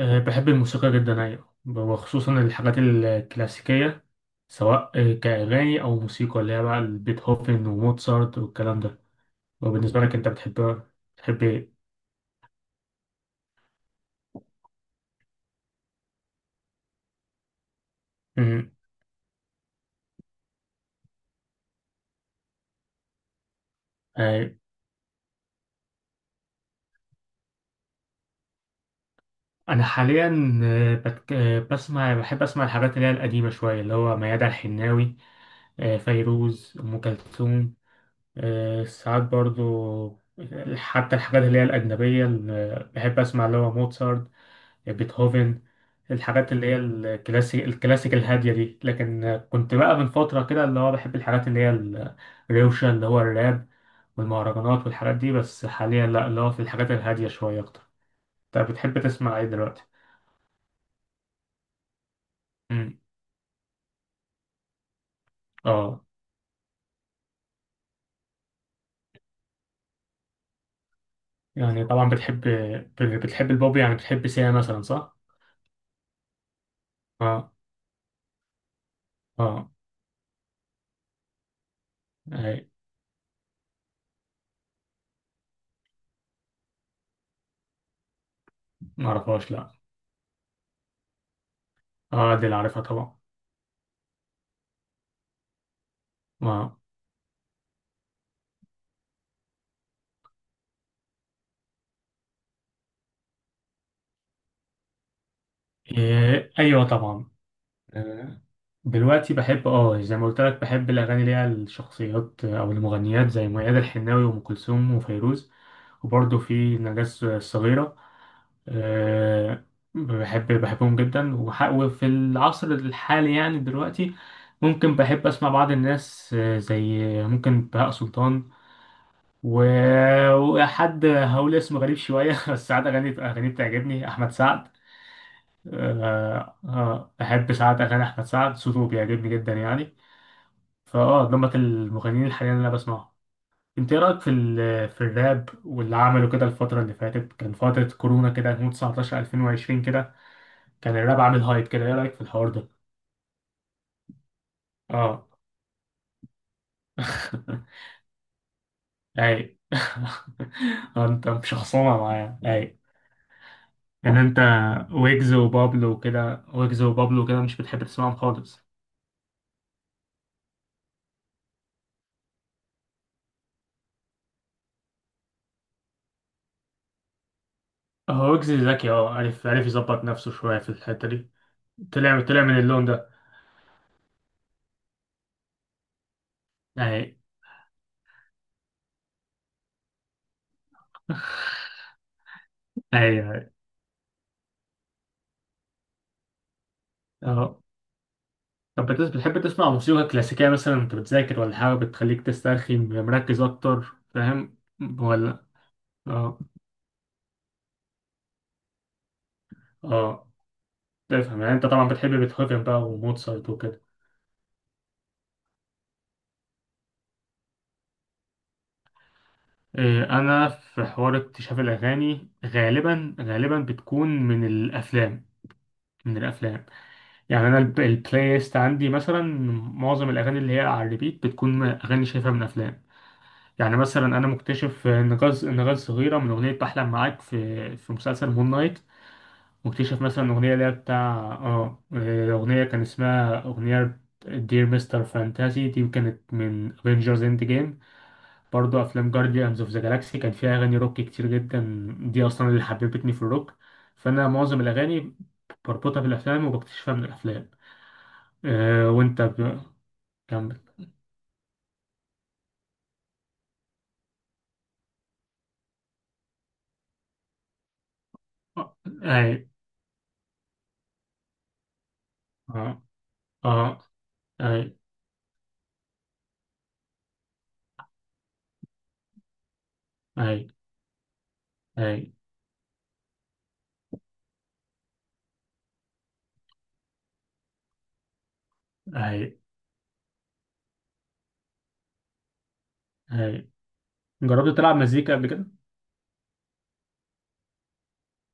بحب الموسيقى جدا، أيوة، وخصوصا الحاجات الكلاسيكية سواء كأغاني أو موسيقى اللي هي بقى بيتهوفن وموتسارت والكلام ده. وبالنسبة لك أنت بتحب، بتحب إيه؟ أمم، أه، أنا حاليا أه، بت- أه، بسمع بحب أسمع الحاجات اللي هي القديمة شوية، اللي هو ميادة الحناوي، فيروز، أم كلثوم. ساعات برضو حتى الحاجات اللي هي الأجنبية اللي بحب أسمع، اللي هو موتسارت يعني، بيتهوفن. الحاجات اللي هي الكلاسيك الكلاسيك الهادية دي. لكن كنت بقى من فترة كده اللي هو بحب الحاجات اللي هي الروشة، اللي هو الراب والمهرجانات والحاجات دي، بس حاليا لا، اللي هو في الحاجات الهادية شوية أكتر. طب بتحب تسمع إيه دلوقتي؟ امم. اه. يعني طبعا بتحب، بتحب البوب، يعني بتحب سيا مثلا، صح؟ اه. اه. اي. معرفهاش، لا. اه، دي اللي عارفها طبعا. اه. إيه، ايوه طبعا. آه، دلوقتي بحب، اه زي ما قلت لك، بحب الاغاني اللي هي الشخصيات او المغنيات زي ميادة الحناوي وام كلثوم وفيروز، وبرضه في نجاة الصغيرة. أه، بحب، بحبهم جدا. وفي العصر الحالي يعني دلوقتي، ممكن بحب اسمع بعض الناس زي ممكن بهاء سلطان. و- وحد هقول اسمه غريب شوية بس ساعات أغاني أغاني بتعجبني، أحمد سعد. بحب ساعات أغاني أحمد سعد، صوته بيعجبني جدا يعني. دمت المغنيين الحاليين اللي أنا بسمعهم. أنت إيه رأيك في الراب واللي عمله كده الفترة اللي فاتت؟ كان فترة كورونا كده، 2019 2020 كده، كان الراب عامل هايب كده. إيه رأيك في الحوار ده؟ أه أي أنت مش خصومة معايا؟ أي. إن أنت، ويجز وبابلو وكده، ويجز وبابلو كده مش بتحب تسمعهم خالص؟ هو ويجز ذكي، أه، عارف، عارف يظبط نفسه شوية في الحتة دي. طلع طلع من اللون ده. اهي، اهي، اهي. اهو. طب بتحب تسمع موسيقى كلاسيكية مثلا وانت بتذاكر، ولا حاجة بتخليك تسترخي، مركز أكتر، فاهم؟ ولا. اه. اه. تفهم يعني، انت طبعا بتحب بيتهوفن بقى وموتسارت وكده. إيه، انا في حوار اكتشاف الأغاني غالبا، غالبا بتكون من الأفلام، من الأفلام. يعني أنا البلاي ليست عندي مثلا، معظم الأغاني اللي هي على الريبيت بتكون أغاني شايفها من أفلام. يعني مثلا انا مكتشف نغاز، نغاز صغيره من اغنيه بحلم معاك في في مسلسل مون نايت. مكتشف مثلا اغنيه اللي هي بتاع اه اغنيه كان اسمها اغنيه دير مستر فانتازي، دي كانت من افنجرز اند جيم. برضو افلام جارديانز اوف ذا جالاكسي كان فيها اغاني روك كتير جدا، دي اصلا اللي حببتني في الروك. فانا معظم الاغاني بربطها بالافلام وبكتشفها من الافلام. أه وانت ب... كمل. آه، اي. اه. اه. اي. اي. اي. اي. أي. جربت تلعب مزيكا قبل كده؟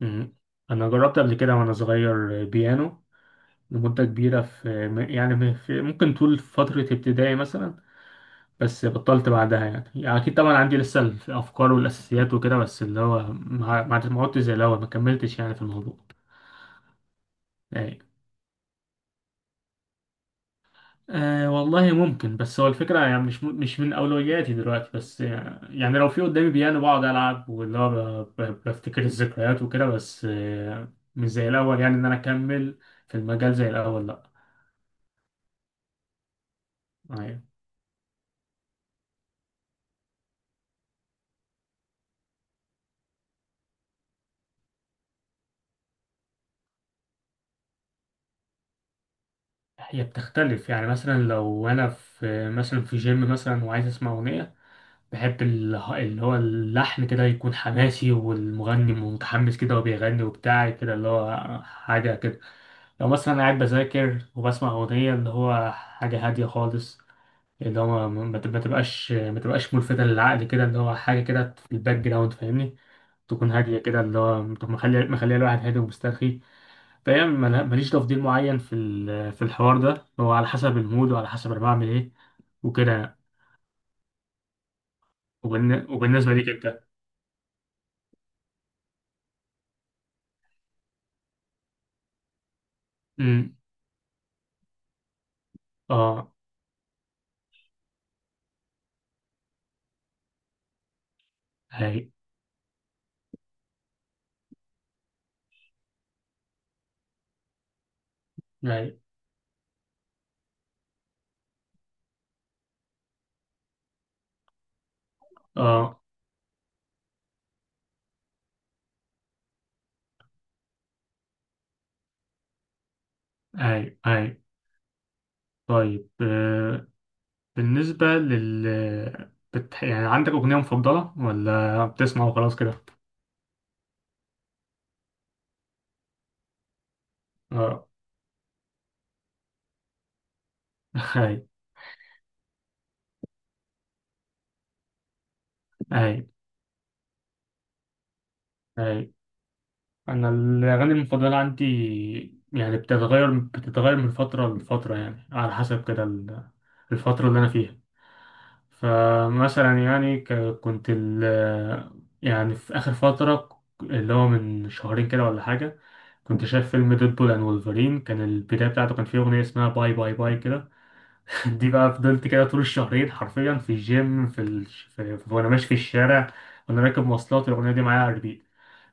مم. أنا جربت قبل كده وأنا صغير بيانو لمدة كبيرة، يعني في ممكن طول فترة ابتدائي مثلا. بس بطلت بعدها يعني, يعني أكيد طبعا عندي لسه الأفكار والأساسيات وكده، بس اللي هو ما عدتش زي الأول، ما كملتش يعني في الموضوع. أي. آه والله ممكن، بس هو الفكرة يعني مش مش من أولوياتي دلوقتي. بس يعني, يعني لو في قدامي بيانو بقعد ألعب، واللي هو بفتكر الذكريات وكده، بس آه مش زي الأول يعني إن أنا أكمل في المجال زي الأول، لأ. أيوة. هي بتختلف، يعني مثلا لو أنا في مثلا في جيم مثلا وعايز أسمع أغنية، بحب اللي هو اللحن كده يكون حماسي، والمغني متحمس كده وبيغني وبتاع كده، اللي هو حاجة كده. لو مثلا أنا قاعد بذاكر وبسمع أغنية، اللي هو حاجة هادية خالص، اللي هو ما تبقاش ما تبقاش ملفتة للعقل كده، اللي هو حاجة كده في الباك جراوند، فاهمني؟ تكون هادية كده، اللي هو تكون مخلية مخلية الواحد هادي ومسترخي. فهي ماليش تفضيل معين في الحوار ده، هو على حسب المود وعلى حسب أنا بعمل إيه وكده. وبالنسبة ليك أنت؟ أمم، آه. هاي. هاي. آه. هاي. هاي. طيب بالنسبة لل، بت... يعني عندك أغنية مفضلة ولا بتسمع وخلاص كده؟ اه هاي. هاي. هاي. أنا الأغاني المفضلة عندي يعني بتتغير بتتغير من فترة لفترة، يعني على حسب كده الفترة اللي أنا فيها. فمثلا يعني كنت ال... يعني في آخر فترة، اللي هو من شهرين كده ولا حاجة، كنت شايف فيلم ديدبول اند وولفرين، كان البداية بتاعته كان فيه أغنية اسمها باي باي باي كده. دي بقى فضلت كده طول الشهرين حرفيا في الجيم، في, ال... في... في... وانا ماشي في الشارع، وانا راكب مواصلات، الاغنيه دي معايا على الريبيت،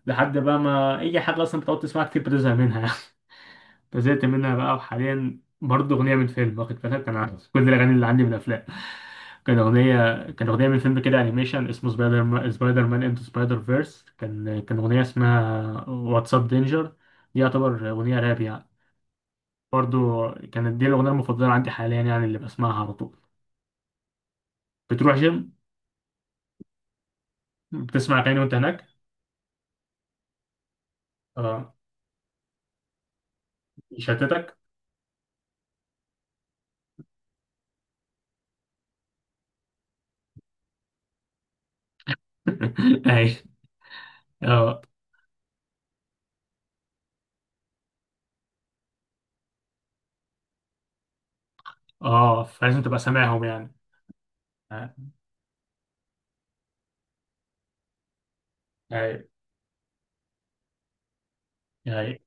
لحد بقى ما، اي حاجه اصلا بتقعد تسمعها كتير بتزهق منها فزهقت منها بقى. وحاليا برضه اغنيه من فيلم، واخد بالك، انا كل الاغاني اللي عندي من افلام. كان اغنيه من فيلم كده انيميشن اسمه سبايدر مان، سبايدر مان انتو سبايدر فيرس، كان كان اغنيه اسمها واتساب دينجر. دي يعتبر اغنيه راب يعني. برضه كانت دي الاغنيه المفضله عندي حاليا يعني، اللي بسمعها على طول. بتروح جيم، بتسمع اغاني وانت هناك؟ اه، يشتتك. اي. اه. اه. فلازم تبقى سامعهم يعني. آه، اي. اي.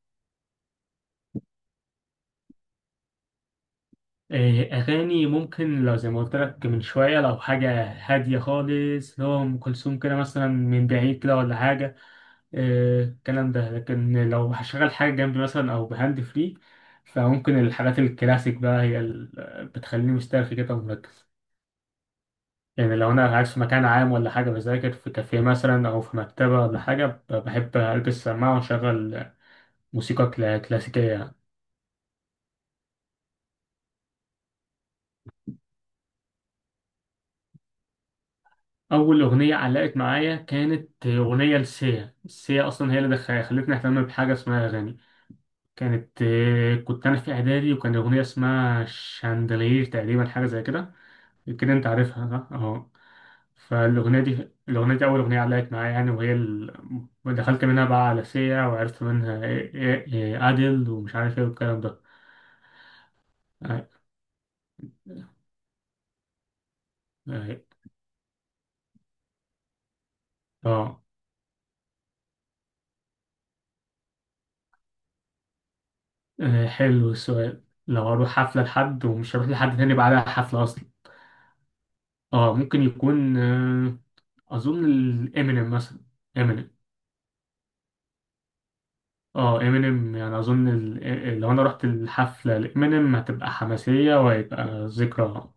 إيه، اغاني ممكن، لو زي ما قلت لك من شويه، لو حاجه هاديه خالص، لو ام كلثوم كده مثلا من بعيد كده ولا حاجه، إيه، الكلام ده. لكن لو هشغل حاجه جنبي مثلا او بهاند فري، فممكن الحاجات الكلاسيك بقى هي اللي بتخليني مسترخي كده ومركز. يعني لو أنا قاعد في مكان عام ولا حاجة بذاكر في كافيه مثلا أو في مكتبة ولا حاجة، بحب ألبس سماعة وأشغل موسيقى كلاسيكية يعني. أول أغنية علقت معايا كانت أغنية لسيا، سيا أصلا هي اللي خلتني أهتم بحاجة اسمها أغاني. كانت آه، كنت أنا في إعدادي، وكان أغنية اسمها شاندلير تقريبا، حاجة زي كده. كده أنت عارفها صح؟ أهو. فالأغنية دي الأغنية دي أول أغنية علقت معايا يعني، وهي ال... دخلت منها بقى على سيا، وعرفت منها إيه، أديل ومش عارف إيه والكلام ده. آه. آه. آه، حلو السؤال. لو أروح حفلة لحد ومش هروح لحد تاني بعدها حفلة أصلا، آه ممكن يكون آه، أظن الإمينيم مثلا، إمينيم. آه، إمينيم يعني، أظن ال... إيه- لو أنا رحت الحفلة لإمينيم هتبقى حماسية، وهيبقى ذكرى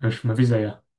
مش، مفيش زيها.